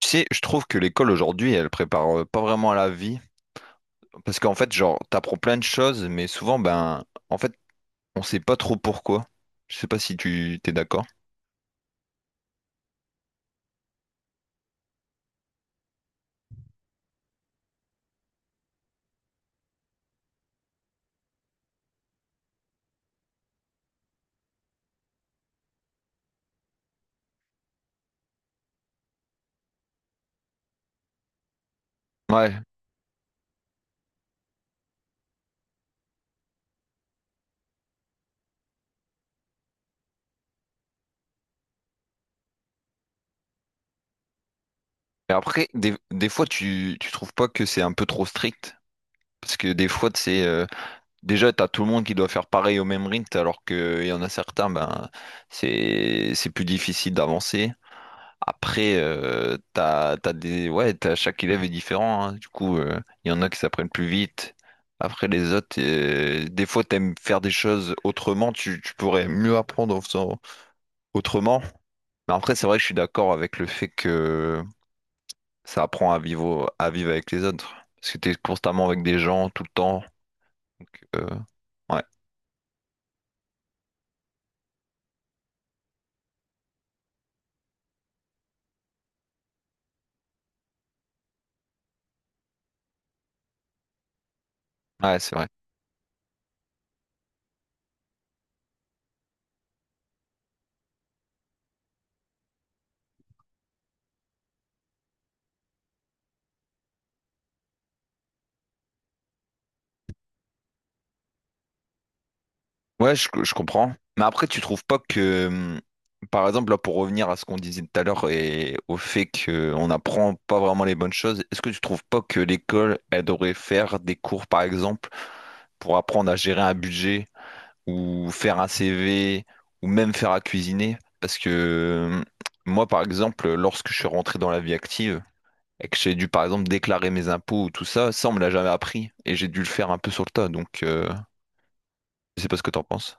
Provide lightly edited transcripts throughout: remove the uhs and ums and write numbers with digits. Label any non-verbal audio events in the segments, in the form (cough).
Tu sais, je trouve que l'école aujourd'hui, elle prépare pas vraiment à la vie. Parce qu'en fait, genre, t'apprends plein de choses, mais souvent, ben, en fait, on sait pas trop pourquoi. Je sais pas si tu t'es d'accord. Ouais. Et après, des fois, tu trouves pas que c'est un peu trop strict? Parce que des fois, c'est déjà, t'as tout le monde qui doit faire pareil au même rythme, alors qu'il y en a certains, ben, c'est plus difficile d'avancer. Après, t'as, chaque élève est différent, hein. Du coup, il y en a qui s'apprennent plus vite. Après, les autres, des fois, t'aimes faire des choses autrement. Tu pourrais mieux apprendre en faisant autrement. Mais après, c'est vrai que je suis d'accord avec le fait que ça apprend à vivre avec les autres. Parce que t'es constamment avec des gens tout le temps. Donc, ouais, ouais, c'est vrai. Ouais, je comprends. Mais après, tu trouves pas que, par exemple, là, pour revenir à ce qu'on disait tout à l'heure et au fait qu'on n'apprend pas vraiment les bonnes choses, est-ce que tu trouves pas que l'école, elle devrait faire des cours, par exemple, pour apprendre à gérer un budget ou faire un CV ou même faire à cuisiner? Parce que moi, par exemple, lorsque je suis rentré dans la vie active et que j'ai dû, par exemple, déclarer mes impôts ou tout ça, ça, on me l'a jamais appris et j'ai dû le faire un peu sur le tas. Donc, je sais pas ce que t'en penses.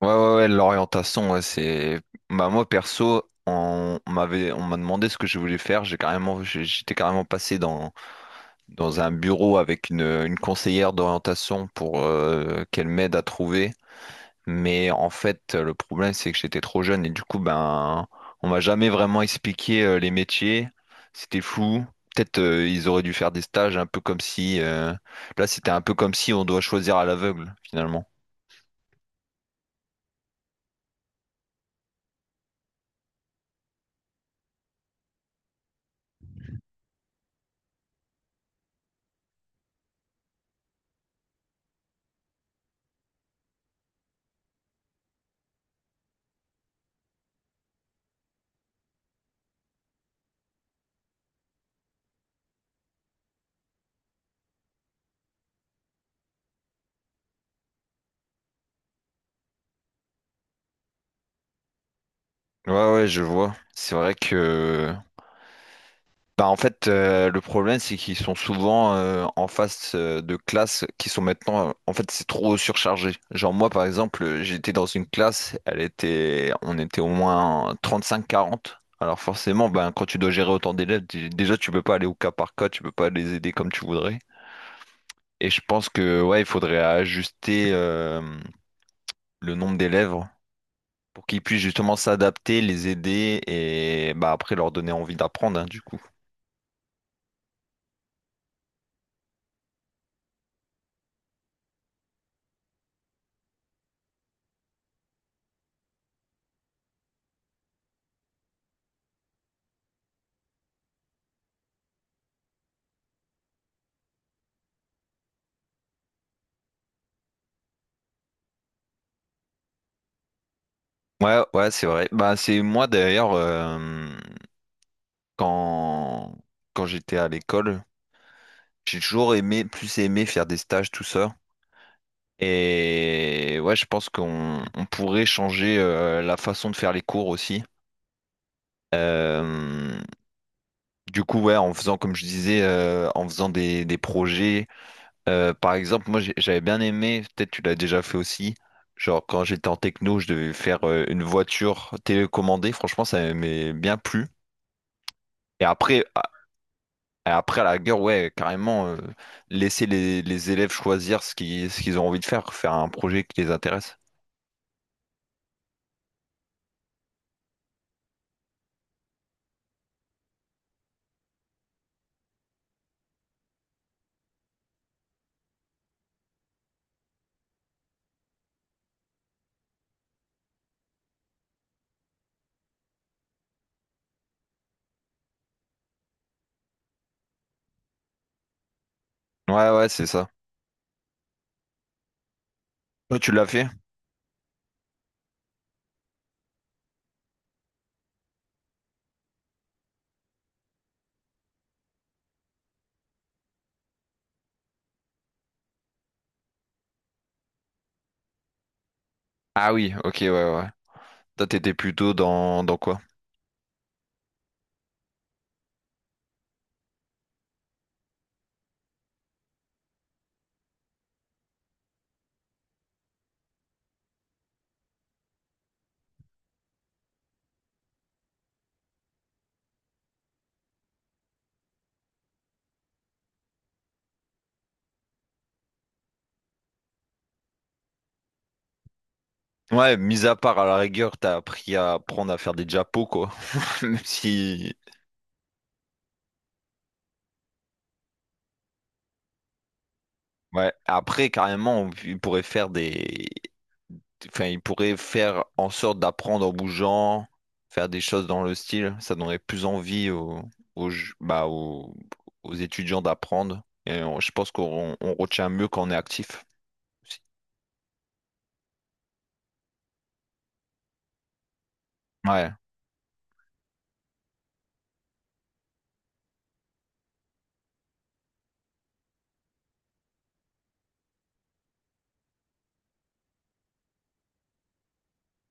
Ouais, ouais, ouais, l'orientation, ouais, c'est. Bah, moi, perso, on m'a demandé ce que je voulais faire. J'ai carrément, j'étais carrément passé dans un bureau avec une conseillère d'orientation pour qu'elle m'aide à trouver. Mais en fait, le problème, c'est que j'étais trop jeune et du coup, ben, on m'a jamais vraiment expliqué les métiers. C'était flou. Peut-être ils auraient dû faire des stages un peu comme si... là, c'était un peu comme si on doit choisir à l'aveugle, finalement. Ouais, ouais, je vois. C'est vrai que... Bah en fait, le problème, c'est qu'ils sont souvent en face de classes qui sont maintenant... en fait, c'est trop surchargé. Genre moi, par exemple, j'étais dans une classe, on était au moins 35-40. Alors forcément, ben, quand tu dois gérer autant d'élèves, déjà, tu peux pas aller au cas par cas, tu peux pas les aider comme tu voudrais. Et je pense que ouais, il faudrait ajuster le nombre d'élèves pour qu'ils puissent justement s'adapter, les aider et bah après leur donner envie d'apprendre, hein, du coup. Ouais, ouais, c'est vrai. Bah, c'est moi d'ailleurs, quand, quand j'étais à l'école, j'ai toujours aimé, plus aimé faire des stages, tout ça. Et ouais, je pense qu'on on pourrait changer la façon de faire les cours aussi. Euh, du coup, ouais, en faisant, comme je disais, en faisant des projets. Par exemple, moi j'avais bien aimé, peut-être tu l'as déjà fait aussi, genre quand j'étais en techno, je devais faire une voiture télécommandée, franchement ça m'aimait bien plu. Et après, à, et après à la gueule, ouais, carrément, laisser les élèves choisir ce qu'ils ont envie de faire, faire un projet qui les intéresse. Ouais, ouais, c'est ça. Toi, tu l'as fait? Ah oui, ok, ouais, ouais. Toi, t'étais plutôt dans quoi? Ouais, mis à part à la rigueur, t'as appris à apprendre à faire des diapos, quoi. (laughs) Même si ouais. Après, carrément, il pourrait faire des. Enfin, il pourrait faire en sorte d'apprendre en bougeant, faire des choses dans le style. Ça donnerait plus envie aux, aux, ju- bah, aux, aux étudiants d'apprendre. Et je pense qu'on on retient mieux quand on est actif aussi. Ouais.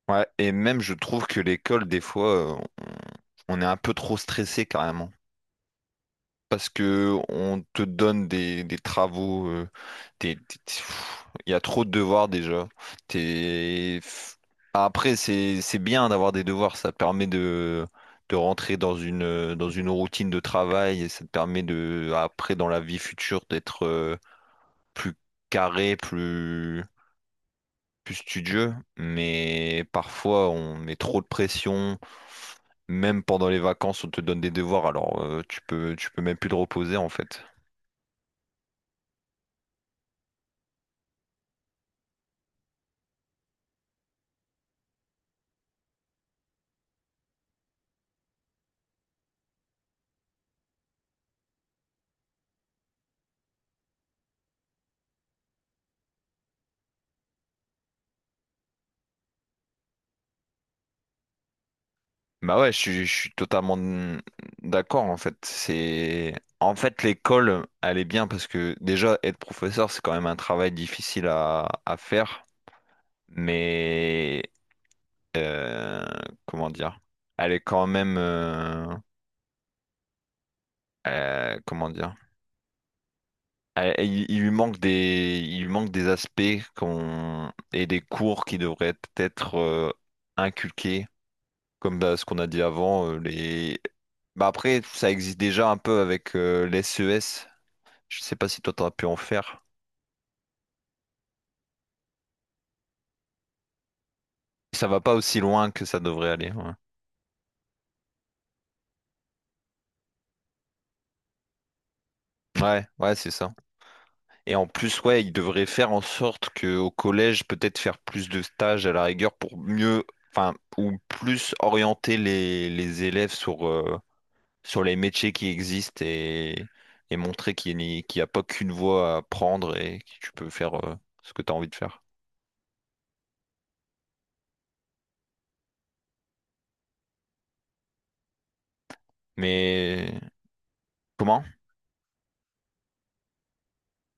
Ouais. Et même, je trouve que l'école, des fois, on est un peu trop stressé carrément, parce que on te donne des travaux, il y a trop de devoirs déjà. T'es- après, c'est bien d'avoir des devoirs, ça te permet de rentrer dans une routine de travail et ça te permet de, après, dans la vie future, d'être plus carré, plus studieux. Mais parfois, on met trop de pression. Même pendant les vacances, on te donne des devoirs, alors tu peux même plus te reposer en fait. Bah ouais, je suis totalement d'accord en fait. C'est en fait l'école, elle est bien parce que déjà être professeur, c'est quand même un travail difficile à faire, mais euh, comment dire, elle est quand même comment dire, il lui manque des il lui manque des aspects qu'on et des cours qui devraient être inculqués. Comme bah, ce qu'on a dit avant, les... bah, après, ça existe déjà un peu avec les SES. Je sais pas si toi, t'as pu en faire. Ça va pas aussi loin que ça devrait aller. Ouais, ouais, ouais, c'est ça. Et en plus, ouais, ils devraient faire en sorte qu'au collège, peut-être faire plus de stages à la rigueur pour mieux, enfin, ou plus orienter les élèves sur, sur les métiers qui existent et montrer qu'il n'y a pas qu'une voie à prendre et que tu peux faire ce que tu as envie de faire. Mais comment?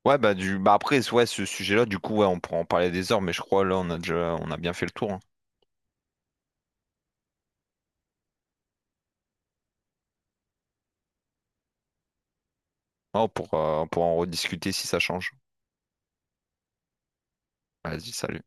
Ouais, bah, du... bah après, ouais, ce sujet-là, du coup, ouais, on pourra en parler des heures, mais je crois là, on a bien fait le tour, hein. Oh, pour, on pourra en rediscuter si ça change. Vas-y, salut.